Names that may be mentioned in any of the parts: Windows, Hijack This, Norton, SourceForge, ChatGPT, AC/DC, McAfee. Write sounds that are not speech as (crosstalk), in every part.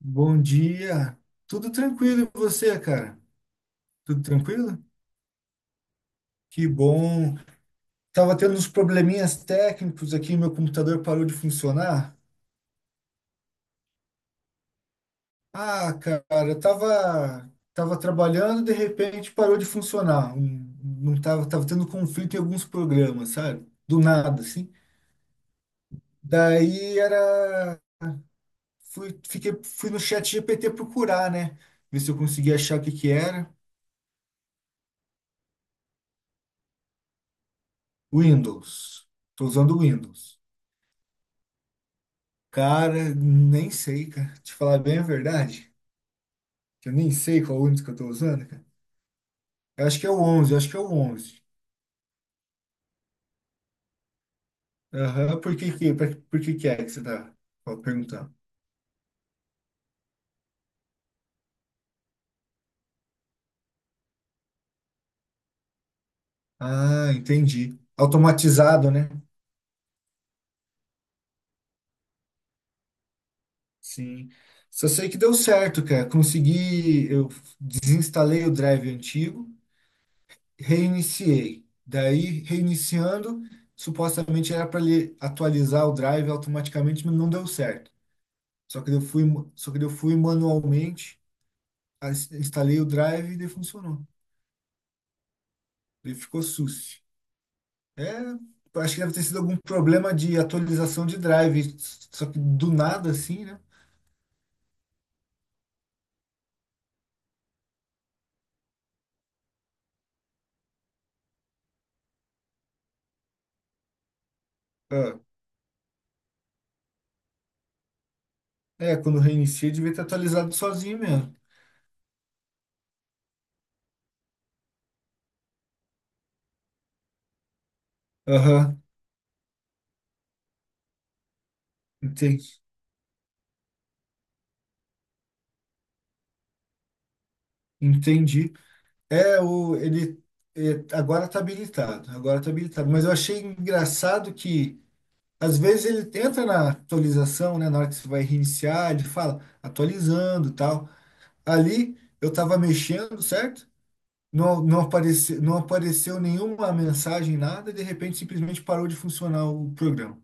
Bom dia. Tudo tranquilo e você, cara? Tudo tranquilo? Que bom. Tava tendo uns probleminhas técnicos aqui, meu computador parou de funcionar. Ah, cara, eu tava trabalhando, de repente parou de funcionar. Não tava tendo conflito em alguns programas, sabe? Do nada, assim. Daí era fui fiquei fui no chat GPT procurar, né? Ver se eu conseguia achar o que que era. Windows. Tô usando o Windows. Cara, nem sei, cara. Te falar bem a verdade, que eu nem sei qual ônibus que eu tô usando, cara. Eu acho que é o 11. Aham, por que que é que você tá perguntando? Ah, entendi. Automatizado, né? Sim. Só sei que deu certo, cara. Consegui, eu desinstalei o drive antigo, reiniciei. Daí, reiniciando, supostamente era para ele atualizar o drive automaticamente, mas não deu certo. Só que eu fui, só que eu fui manualmente instalei o Drive e ele funcionou. Ele ficou sus. É, acho que deve ter sido algum problema de atualização de Drive, só que do nada assim, né? Ah, é, quando reinicia, devia ter atualizado sozinho mesmo. Aham, entendi. Entendi. É, o, ele agora tá habilitado, agora tá habilitado. Mas eu achei engraçado que às vezes ele entra na atualização, né? Na hora que você vai reiniciar, ele fala atualizando, e tal. Ali eu tava mexendo, certo? Não, não apareceu nenhuma mensagem, nada, de repente simplesmente parou de funcionar o programa.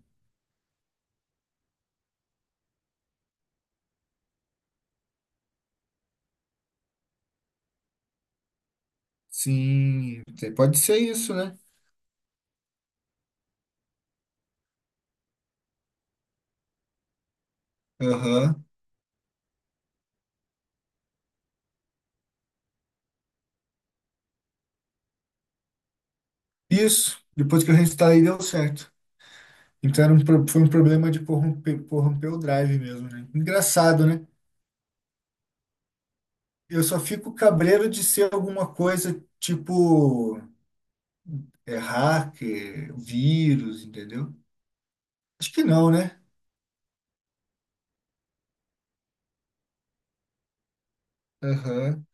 Sim, pode ser isso, né? Aham. Isso, depois que eu reinstalei, deu certo. Então foi um problema de corromper o drive mesmo, né? Engraçado, né? Eu só fico cabreiro de ser alguma coisa tipo hacker, vírus, entendeu? Acho que não, né? Aham.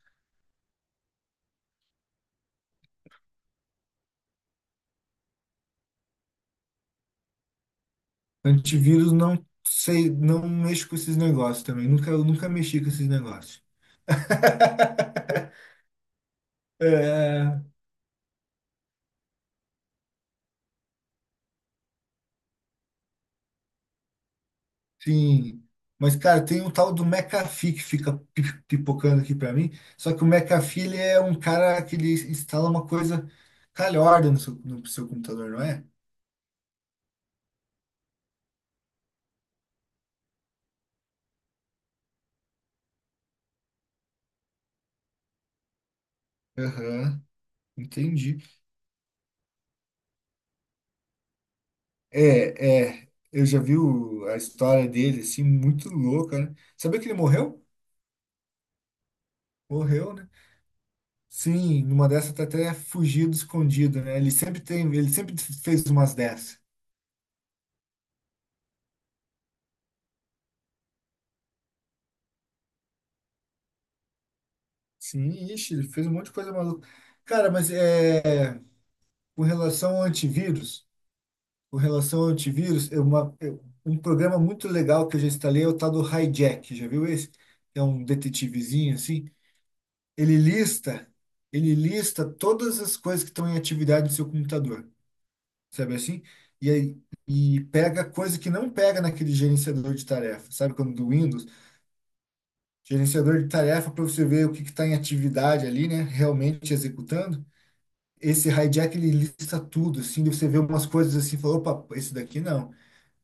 Antivírus não sei, não mexo com esses negócios também. Nunca mexi com esses negócios. (laughs) É, sim. Mas, cara, tem um tal do McAfee que fica pipocando aqui pra mim. Só que o McAfee, ele é um cara que ele instala uma coisa calhorda no seu computador, não é? Aham, entendi. Eu já vi a história dele, assim, muito louca, né? Sabia que ele morreu? Morreu, né? Sim, numa dessa tá até fugido, escondido, né? Ele sempre fez umas dessas. Sim, ixi, ele fez um monte de coisa maluca. Cara, com relação ao antivírus, com relação ao antivírus, é um programa muito legal que eu já instalei é o tal do Hijack, já viu esse? É um detetivezinho assim. Ele lista, ele lista todas as coisas que estão em atividade no seu computador, sabe assim? E aí, pega coisa que não pega naquele gerenciador de tarefas, sabe? Quando do Windows gerenciador de tarefa para você ver o que está em atividade ali, né? Realmente executando. Esse hijack ele lista tudo, assim, de você vê umas coisas assim, falou, opa, esse daqui não,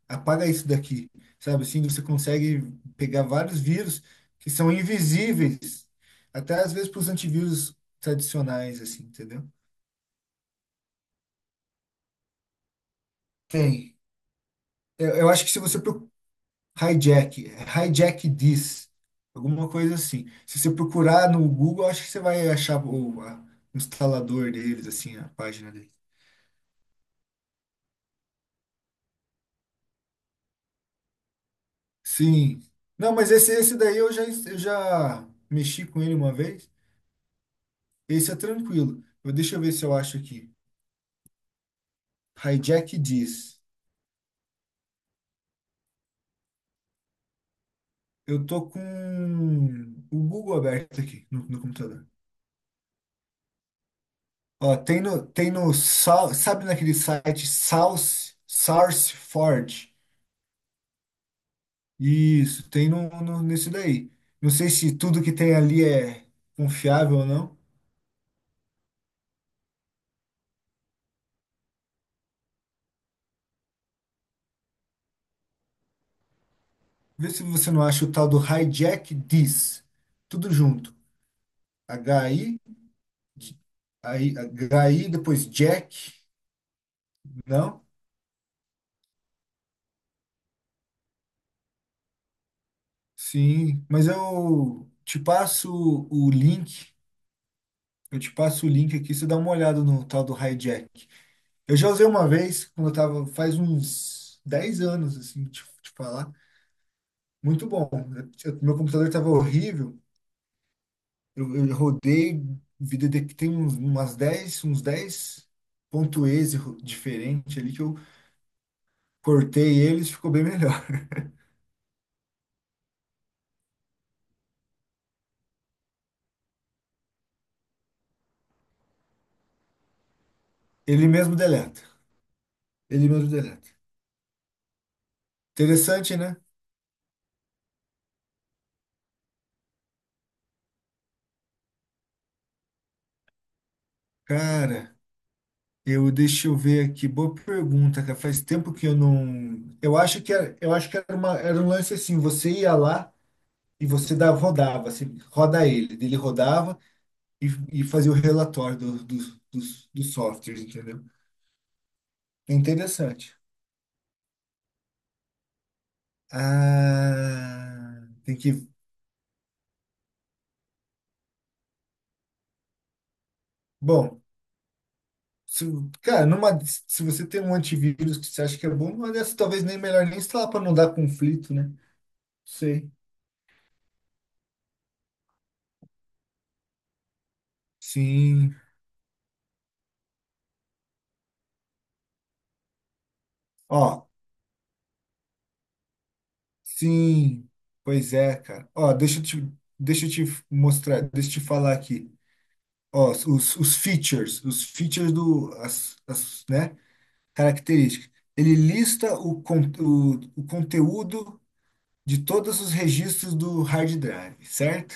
apaga isso daqui, sabe? Assim, você consegue pegar vários vírus que são invisíveis, até às vezes para os antivírus tradicionais, assim, entendeu? Tem. Eu acho que se você Hijack, Hijack This, alguma coisa assim. Se você procurar no Google, acho que você vai achar o instalador deles, assim, a página deles. Sim. Não, mas esse daí eu já mexi com ele uma vez. Esse é tranquilo. Deixa eu ver se eu acho aqui. Hijack diz, eu tô com o Google aberto aqui no computador. Ó, tem no, sabe naquele site South, SourceForge? Isso, tem nesse daí. Não sei se tudo que tem ali é confiável ou não. Vê se você não acha o tal do Hijack Diz. Tudo junto. H i aí, H i depois Jack. Não? Sim, mas eu te passo o link. Eu te passo o link aqui, você dá uma olhada no tal do Hijack. Eu já usei uma vez, quando eu tava, faz uns 10 anos, assim, te falar. Muito bom. Meu computador estava horrível. Eu rodei vida de que tem uns 10 ponto exe diferente ali que eu cortei eles, ficou bem melhor. (laughs) Ele mesmo deleta. Ele mesmo deleta. Interessante, né? Cara, eu deixa eu ver aqui. Boa pergunta, cara. Faz tempo que eu não. Eu acho que era uma, era um lance assim, você ia lá e você dava, rodava, assim, roda ele. Ele rodava e, e fazia o relatório do, dos dos dos softwares, entendeu? É interessante. Ah, tem que. Bom, se, cara, numa, se você tem um antivírus que você acha que é bom, numa dessas talvez nem melhor nem instalar para não dar conflito, né? Sei. Sim. Ó, sim. Pois é, cara. Ó, deixa eu te mostrar, deixa eu te falar aqui. Ó, os features do, as, né? Características. Ele lista o conteúdo de todos os registros do hard drive, certo?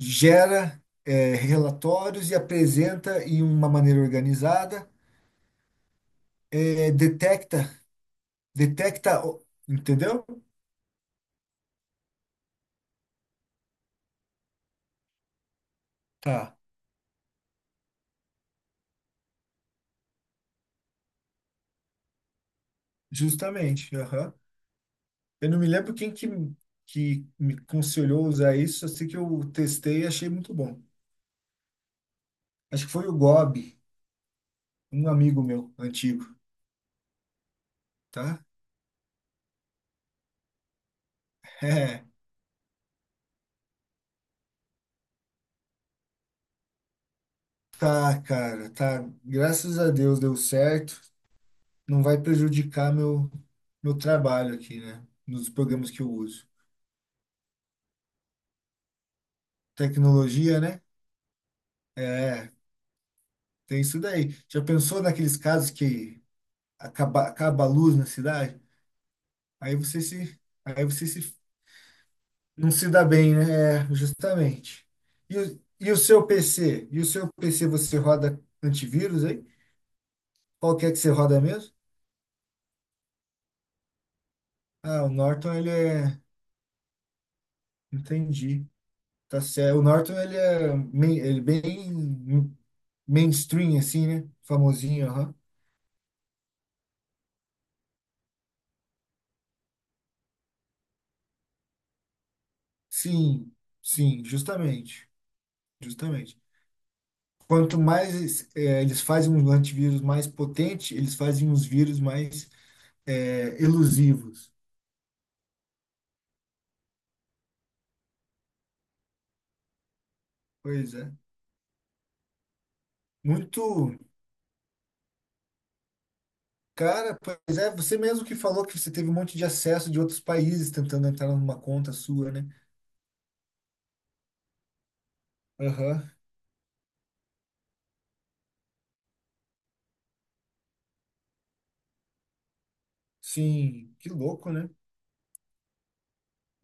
Gera relatórios e apresenta em uma maneira organizada, detecta, entendeu? Tá. Justamente. Aham. Eu não me lembro quem que, me aconselhou a usar isso, eu sei que eu testei e achei muito bom. Acho que foi o Gob, um amigo meu antigo, tá? (laughs) É, tá, cara, tá. Graças a Deus deu certo. Não vai prejudicar meu trabalho aqui, né? Nos programas que eu uso. Tecnologia, né? É, tem isso daí. Já pensou naqueles casos que acaba a luz na cidade? Aí você se, aí você se, não se dá bem, né? É, justamente. E o seu PC? E o seu PC você roda antivírus aí? Qual que é que você roda mesmo? Ah, o Norton ele é, entendi. Tá certo. O Norton ele é bem mainstream assim, né? Famosinho, aham. Sim, sim, justamente, justamente. Quanto mais eles fazem um antivírus mais potente, eles fazem uns vírus mais elusivos. Pois é. Muito. Cara, pois é, você mesmo que falou que você teve um monte de acesso de outros países tentando entrar numa conta sua, né? Aham. Sim, que louco, né?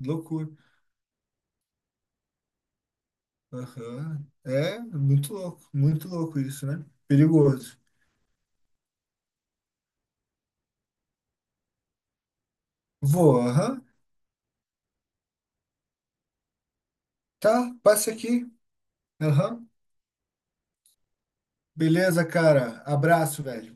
Loucura. Aham. É, muito louco isso, né? Perigoso. Vou, aham. Tá, passe aqui. Aham. Beleza, cara. Abraço, velho.